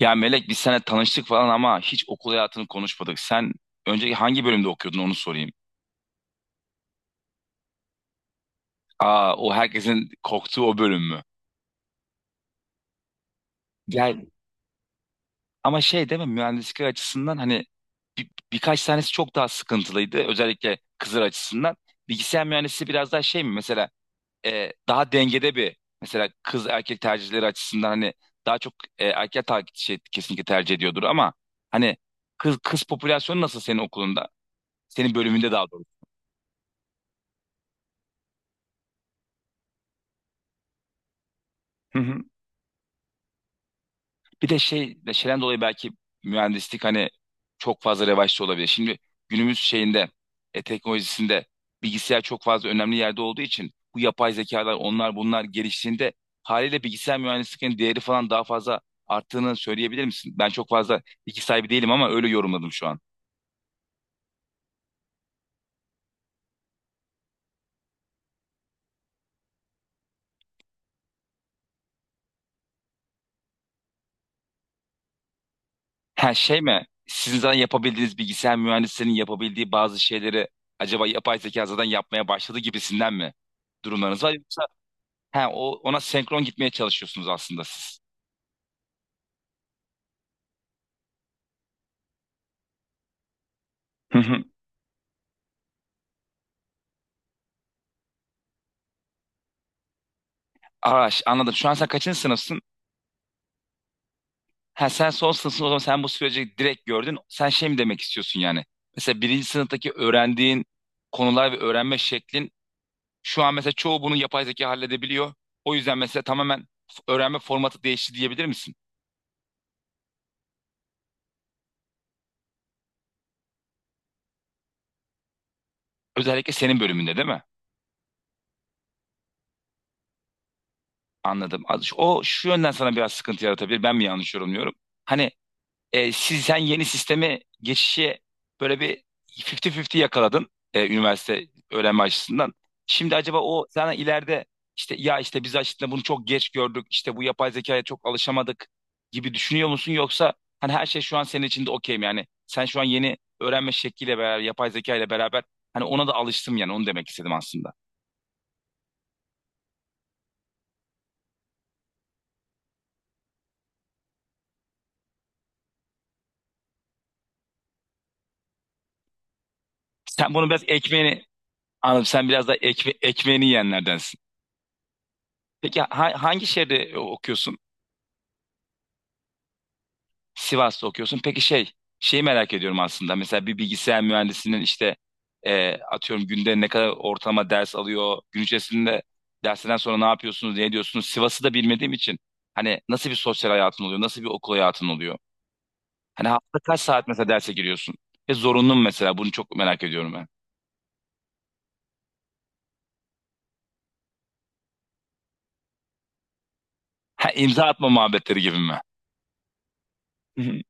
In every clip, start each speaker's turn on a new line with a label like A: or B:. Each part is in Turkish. A: Ya Melek biz seninle tanıştık falan ama hiç okul hayatını konuşmadık. Sen önce hangi bölümde okuyordun onu sorayım. Aa o herkesin korktuğu o bölüm mü? Yani ama şey değil mi mühendislik açısından hani birkaç tanesi çok daha sıkıntılıydı. Özellikle kızlar açısından. Bilgisayar mühendisliği biraz daha şey mi mesela, daha dengede bir mesela kız erkek tercihleri açısından hani daha çok erkek kesinlikle tercih ediyordur ama hani kız popülasyonu nasıl senin okulunda? Senin bölümünde daha doğrusu. Bir de şey, şeyden dolayı belki mühendislik hani çok fazla revaçta olabilir. Şimdi günümüz şeyinde, teknolojisinde bilgisayar çok fazla önemli yerde olduğu için bu yapay zekalar, onlar bunlar geliştiğinde haliyle bilgisayar mühendisliğinin değeri falan daha fazla arttığını söyleyebilir misin? Ben çok fazla bilgi sahibi değilim ama öyle yorumladım şu an. Her şey mi? Sizin zaten yapabildiğiniz bilgisayar mühendislerinin yapabildiği bazı şeyleri acaba yapay zeka zaten yapmaya başladı gibisinden mi durumlarınız var? Yoksa he, o, ona senkron gitmeye çalışıyorsunuz aslında siz. Hı hı. Araş anladım. Şu an sen kaçıncı sınıfsın? Ha, sen son sınıfsın o zaman sen bu süreci direkt gördün. Sen şey mi demek istiyorsun yani? Mesela birinci sınıftaki öğrendiğin konular ve öğrenme şeklin şu an mesela çoğu bunu yapay zeka halledebiliyor. O yüzden mesela tamamen öğrenme formatı değişti diyebilir misin? Özellikle senin bölümünde değil mi? Anladım. O şu yönden sana biraz sıkıntı yaratabilir. Ben mi yanlış yorumluyorum? Hani, e, siz sen yeni sisteme geçişi böyle bir 50-50 yakaladın, üniversite öğrenme açısından. Şimdi acaba o sana ileride işte ya işte biz aslında bunu çok geç gördük. İşte bu yapay zekaya çok alışamadık gibi düşünüyor musun? Yoksa hani her şey şu an senin için de okey mi? Yani sen şu an yeni öğrenme şekliyle beraber yapay zeka ile beraber hani ona da alıştım yani onu demek istedim aslında. Sen bunu biraz ekmeğini. Anladım. Sen biraz da ekmeğini yiyenlerdensin. Peki hangi şehirde okuyorsun? Sivas'ta okuyorsun. Peki şey, şeyi merak ediyorum aslında. Mesela bir bilgisayar mühendisinin işte atıyorum günde ne kadar ortalama ders alıyor? Gün içerisinde dersinden sonra ne yapıyorsunuz, ne ediyorsunuz? Sivas'ı da bilmediğim için hani nasıl bir sosyal hayatın oluyor? Nasıl bir okul hayatın oluyor? Hani hafta kaç saat mesela derse giriyorsun? Ve zorunlu mu mesela? Bunu çok merak ediyorum ben. Ha, imza atma muhabbetleri gibi mi?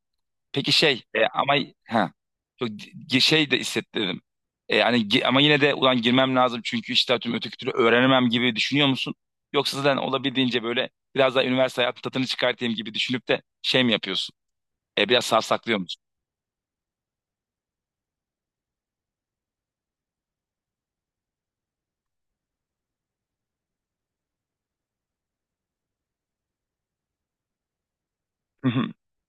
A: Peki şey ama ha çok şey de hissettirdim. Hani ama yine de ulan girmem lazım çünkü işte tüm öteki türlü öğrenemem gibi düşünüyor musun? Yoksa zaten olabildiğince böyle biraz daha üniversite hayatı tadını çıkartayım gibi düşünüp de şey mi yapıyorsun? Biraz savsaklıyor musun? Hı hı.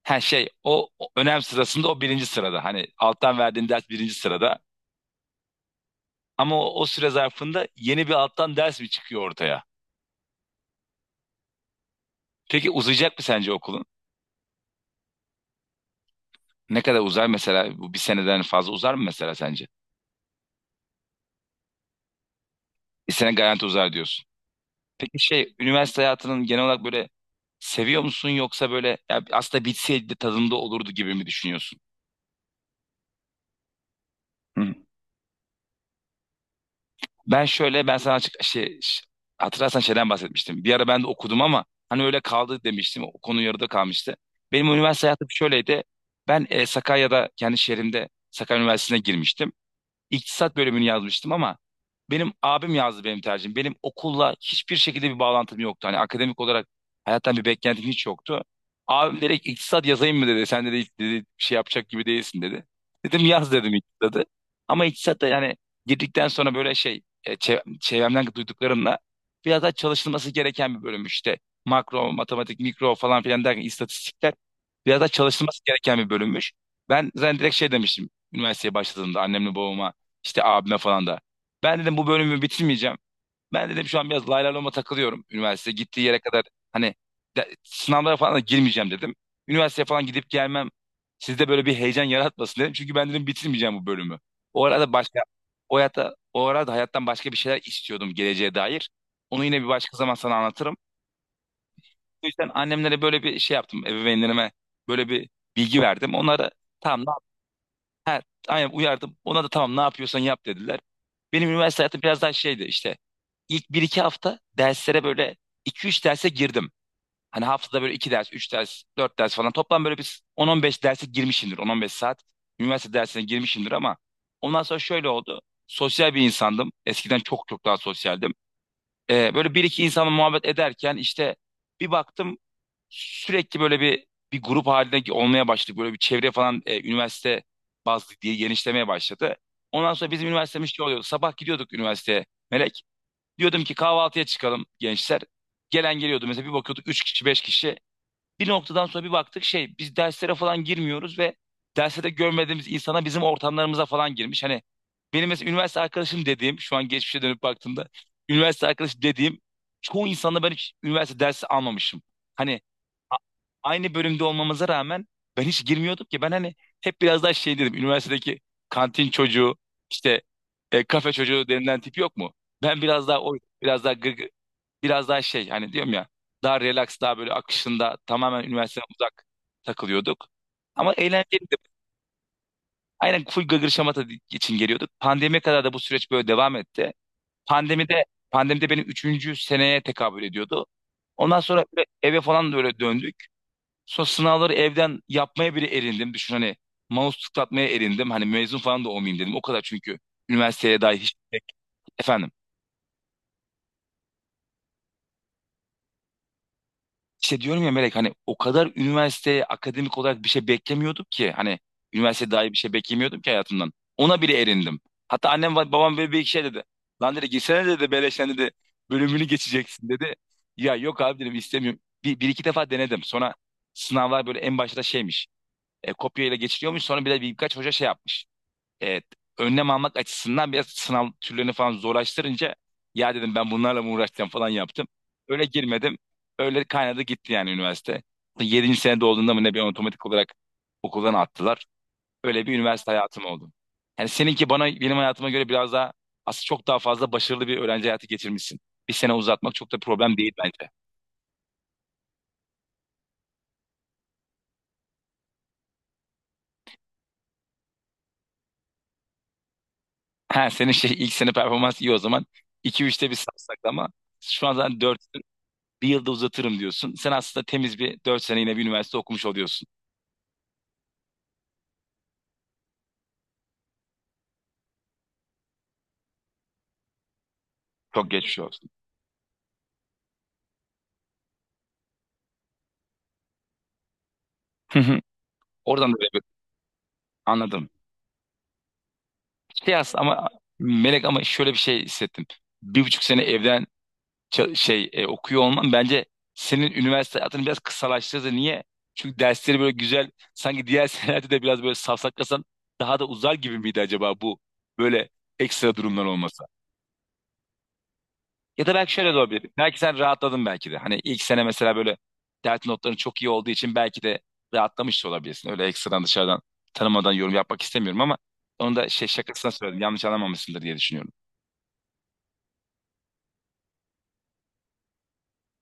A: Ha şey o, o önem sırasında o birinci sırada. Hani alttan verdiğin ders birinci sırada. Ama o, o süre zarfında yeni bir alttan ders mi çıkıyor ortaya? Peki uzayacak mı sence okulun? Ne kadar uzar mesela? Bu bir seneden fazla uzar mı mesela sence? Sene garanti uzar diyorsun. Peki şey üniversite hayatının genel olarak böyle seviyor musun yoksa böyle ya aslında bitseydi de tadında olurdu gibi mi düşünüyorsun? Hı. Ben şöyle, ben sana açık şey hatırlarsan şeyden bahsetmiştim. Bir ara ben de okudum ama hani öyle kaldı demiştim. O konu yarıda kalmıştı. Benim üniversite hayatım şöyleydi. Ben Sakarya'da kendi şehrimde Sakarya Üniversitesi'ne girmiştim. İktisat bölümünü yazmıştım ama benim abim yazdı benim tercihim. Benim okulla hiçbir şekilde bir bağlantım yoktu. Hani akademik olarak hayattan bir beklentim hiç yoktu. Abim direkt iktisat yazayım mı dedi. Sen dedi, hiç dedi, bir şey yapacak gibi değilsin dedi. Dedim yaz dedim iktisadı. Ama iktisat da yani girdikten sonra böyle şey, çevremden duyduklarımla biraz daha çalışılması gereken bir bölüm işte. Makro, matematik, mikro falan filan derken istatistikler biraz daha çalışılması gereken bir bölümmüş. Ben zaten direkt şey demiştim üniversiteye başladığımda annemle babama. İşte abime falan da. Ben dedim bu bölümü bitirmeyeceğim. Ben dedim şu an biraz lay lay loma takılıyorum. Üniversite gittiği yere kadar hani sınavlara falan da girmeyeceğim dedim. Üniversiteye falan gidip gelmem sizde böyle bir heyecan yaratmasın dedim. Çünkü ben dedim bitirmeyeceğim bu bölümü. O arada başka, o hayata o arada hayattan başka bir şeyler istiyordum geleceğe dair. Onu yine bir başka zaman sana anlatırım. O yüzden annemlere böyle bir şey yaptım. Ebeveynlerime böyle bir bilgi verdim. Onlara tamam. Aynen uyardım. Ona da tamam ne yapıyorsan yap dediler. Benim üniversite hayatım biraz daha şeydi işte. İlk bir iki hafta derslere böyle iki üç derse girdim. Hani haftada böyle 2 ders, 3 ders, 4 ders falan. Toplam böyle bir 10-15 derse girmişimdir. 10-15 saat üniversite dersine girmişimdir ama ondan sonra şöyle oldu. Sosyal bir insandım. Eskiden çok çok daha sosyaldim. Böyle bir iki insanla muhabbet ederken işte bir baktım sürekli böyle bir grup halinde olmaya başladık. Böyle bir çevre falan üniversite bazlı diye genişlemeye başladı. Ondan sonra bizim üniversitemiz şey oluyordu. Sabah gidiyorduk üniversiteye Melek. Diyordum ki kahvaltıya çıkalım gençler. Gelen geliyordu. Mesela bir bakıyorduk 3 kişi 5 kişi. Bir noktadan sonra bir baktık şey, biz derslere falan girmiyoruz ve derslerde görmediğimiz insana bizim ortamlarımıza falan girmiş. Hani benim mesela üniversite arkadaşım dediğim, şu an geçmişe dönüp baktığımda üniversite arkadaşı dediğim çoğu insanla ben hiç üniversite dersi almamışım. Hani a- aynı bölümde olmamıza rağmen ben hiç girmiyordum ki. Ben hani hep biraz daha şey dedim, üniversitedeki kantin çocuğu işte, kafe çocuğu denilen tip yok mu? Ben biraz daha o, biraz daha gır, biraz daha şey, hani diyorum ya daha relax, daha böyle akışında tamamen üniversiteden uzak takılıyorduk. Ama eğlenceli de. Aynen, full gırgır şamata için geliyorduk. Pandemiye kadar da bu süreç böyle devam etti. Pandemide, benim üçüncü seneye tekabül ediyordu. Ondan sonra böyle eve falan da öyle döndük. Sonra sınavları evden yapmaya bile erindim. Düşün hani, mouse tıklatmaya erindim. Hani mezun falan da olmayayım dedim. O kadar çünkü üniversiteye dair hiç efendim. İşte diyorum ya Melek, hani o kadar üniversiteye akademik olarak bir şey beklemiyordum ki. Hani üniversite dair bir şey beklemiyordum ki hayatımdan. Ona bile erindim. Hatta annem ve babam böyle bir iki şey dedi. Lan dedi girsene dedi beleşten dedi bölümünü geçeceksin dedi. Ya yok abi dedim istemiyorum. Bir iki defa denedim. Sonra sınavlar böyle en başta şeymiş. Kopyayla geçiliyormuş. Sonra bir de birkaç hoca şey yapmış. Evet, önlem almak açısından biraz sınav türlerini falan zorlaştırınca ya dedim ben bunlarla mı uğraşacağım falan yaptım. Öyle girmedim. Öyle kaynadı gitti yani üniversite. Yedinci senede olduğunda mı ne bir otomatik olarak okuldan attılar. Öyle bir üniversite hayatım oldu. Yani seninki bana, benim hayatıma göre biraz daha, aslında çok daha fazla başarılı bir öğrenci hayatı geçirmişsin. Bir sene uzatmak çok da problem değil bence. Ha, senin şey ilk sene performans iyi o zaman. İki üçte bir sarsak ama şu an zaten 4. Bir yılda uzatırım diyorsun. Sen aslında temiz bir 4 sene yine bir üniversite okumuş oluyorsun. Çok geçmiş olsun. Hı hı. Oradan da böyle anladım. Şey aslında ama Melek, ama şöyle bir şey hissettim. Bir buçuk sene evden okuyor olman bence senin üniversite hayatını biraz kısalaştırdı. Niye? Çünkü dersleri böyle güzel, sanki diğer senelerde de biraz böyle safsaklasan daha da uzar gibi miydi acaba bu böyle ekstra durumlar olması? Ya da belki şöyle de olabilir. Belki sen rahatladın belki de. Hani ilk sene mesela böyle dert notların çok iyi olduğu için belki de rahatlamış da olabilirsin. Öyle ekstradan, dışarıdan, tanımadan yorum yapmak istemiyorum ama onu da şey şakasına söyledim. Yanlış anlamamışsındır diye düşünüyorum.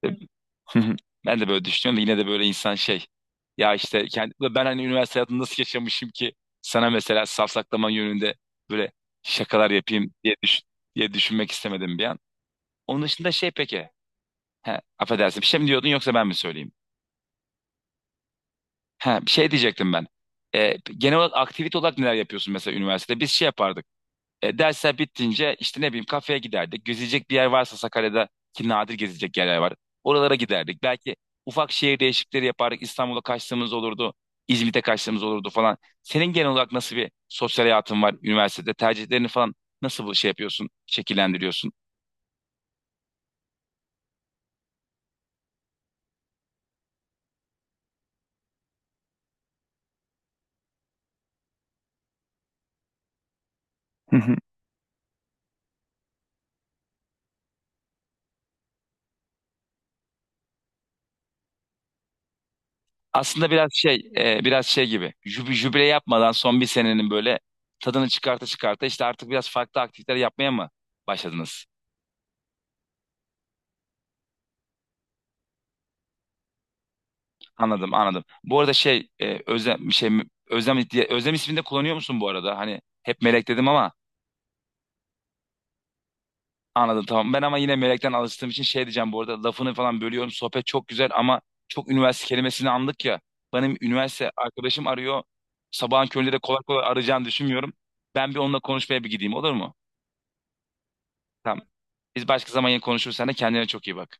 A: Hı. Ben de böyle düşünüyorum da yine de böyle insan şey. Ya işte kendi, ben hani üniversite hayatını nasıl yaşamışım ki sana mesela safsaklama yönünde böyle şakalar yapayım diye, diye düşünmek istemedim bir an. Onun dışında şey peki. He, affedersin bir şey mi diyordun yoksa ben mi söyleyeyim? Ha, bir şey diyecektim ben. Genel olarak aktivite olarak neler yapıyorsun mesela üniversitede? Biz şey yapardık. Dersler bittince işte ne bileyim kafeye giderdik. Gezecek bir yer varsa Sakarya'da ki nadir gezecek yerler var. Oralara giderdik. Belki ufak şehir değişiklikleri yapardık. İstanbul'a kaçtığımız olurdu. İzmit'e kaçtığımız olurdu falan. Senin genel olarak nasıl bir sosyal hayatın var üniversitede? Tercihlerini falan nasıl bu şey yapıyorsun, şekillendiriyorsun? Aslında biraz şey biraz şey gibi jübile yapmadan son bir senenin böyle tadını çıkarta çıkarta işte artık biraz farklı aktiviteler yapmaya mı başladınız? Anladım anladım. Bu arada şey Özlem şey, Özlem diye, Özlem ismini de kullanıyor musun bu arada? Hani hep Melek dedim ama anladım tamam. Ben ama yine Melek'ten alıştığım için şey diyeceğim, bu arada lafını falan bölüyorum. Sohbet çok güzel ama çok üniversite kelimesini andık ya. Benim üniversite arkadaşım arıyor. Sabahın köründe de kolay kolay arayacağını düşünmüyorum. Ben bir onunla konuşmaya bir gideyim olur mu? Tamam. Biz başka zaman yine konuşuruz. Sen de kendine çok iyi bak.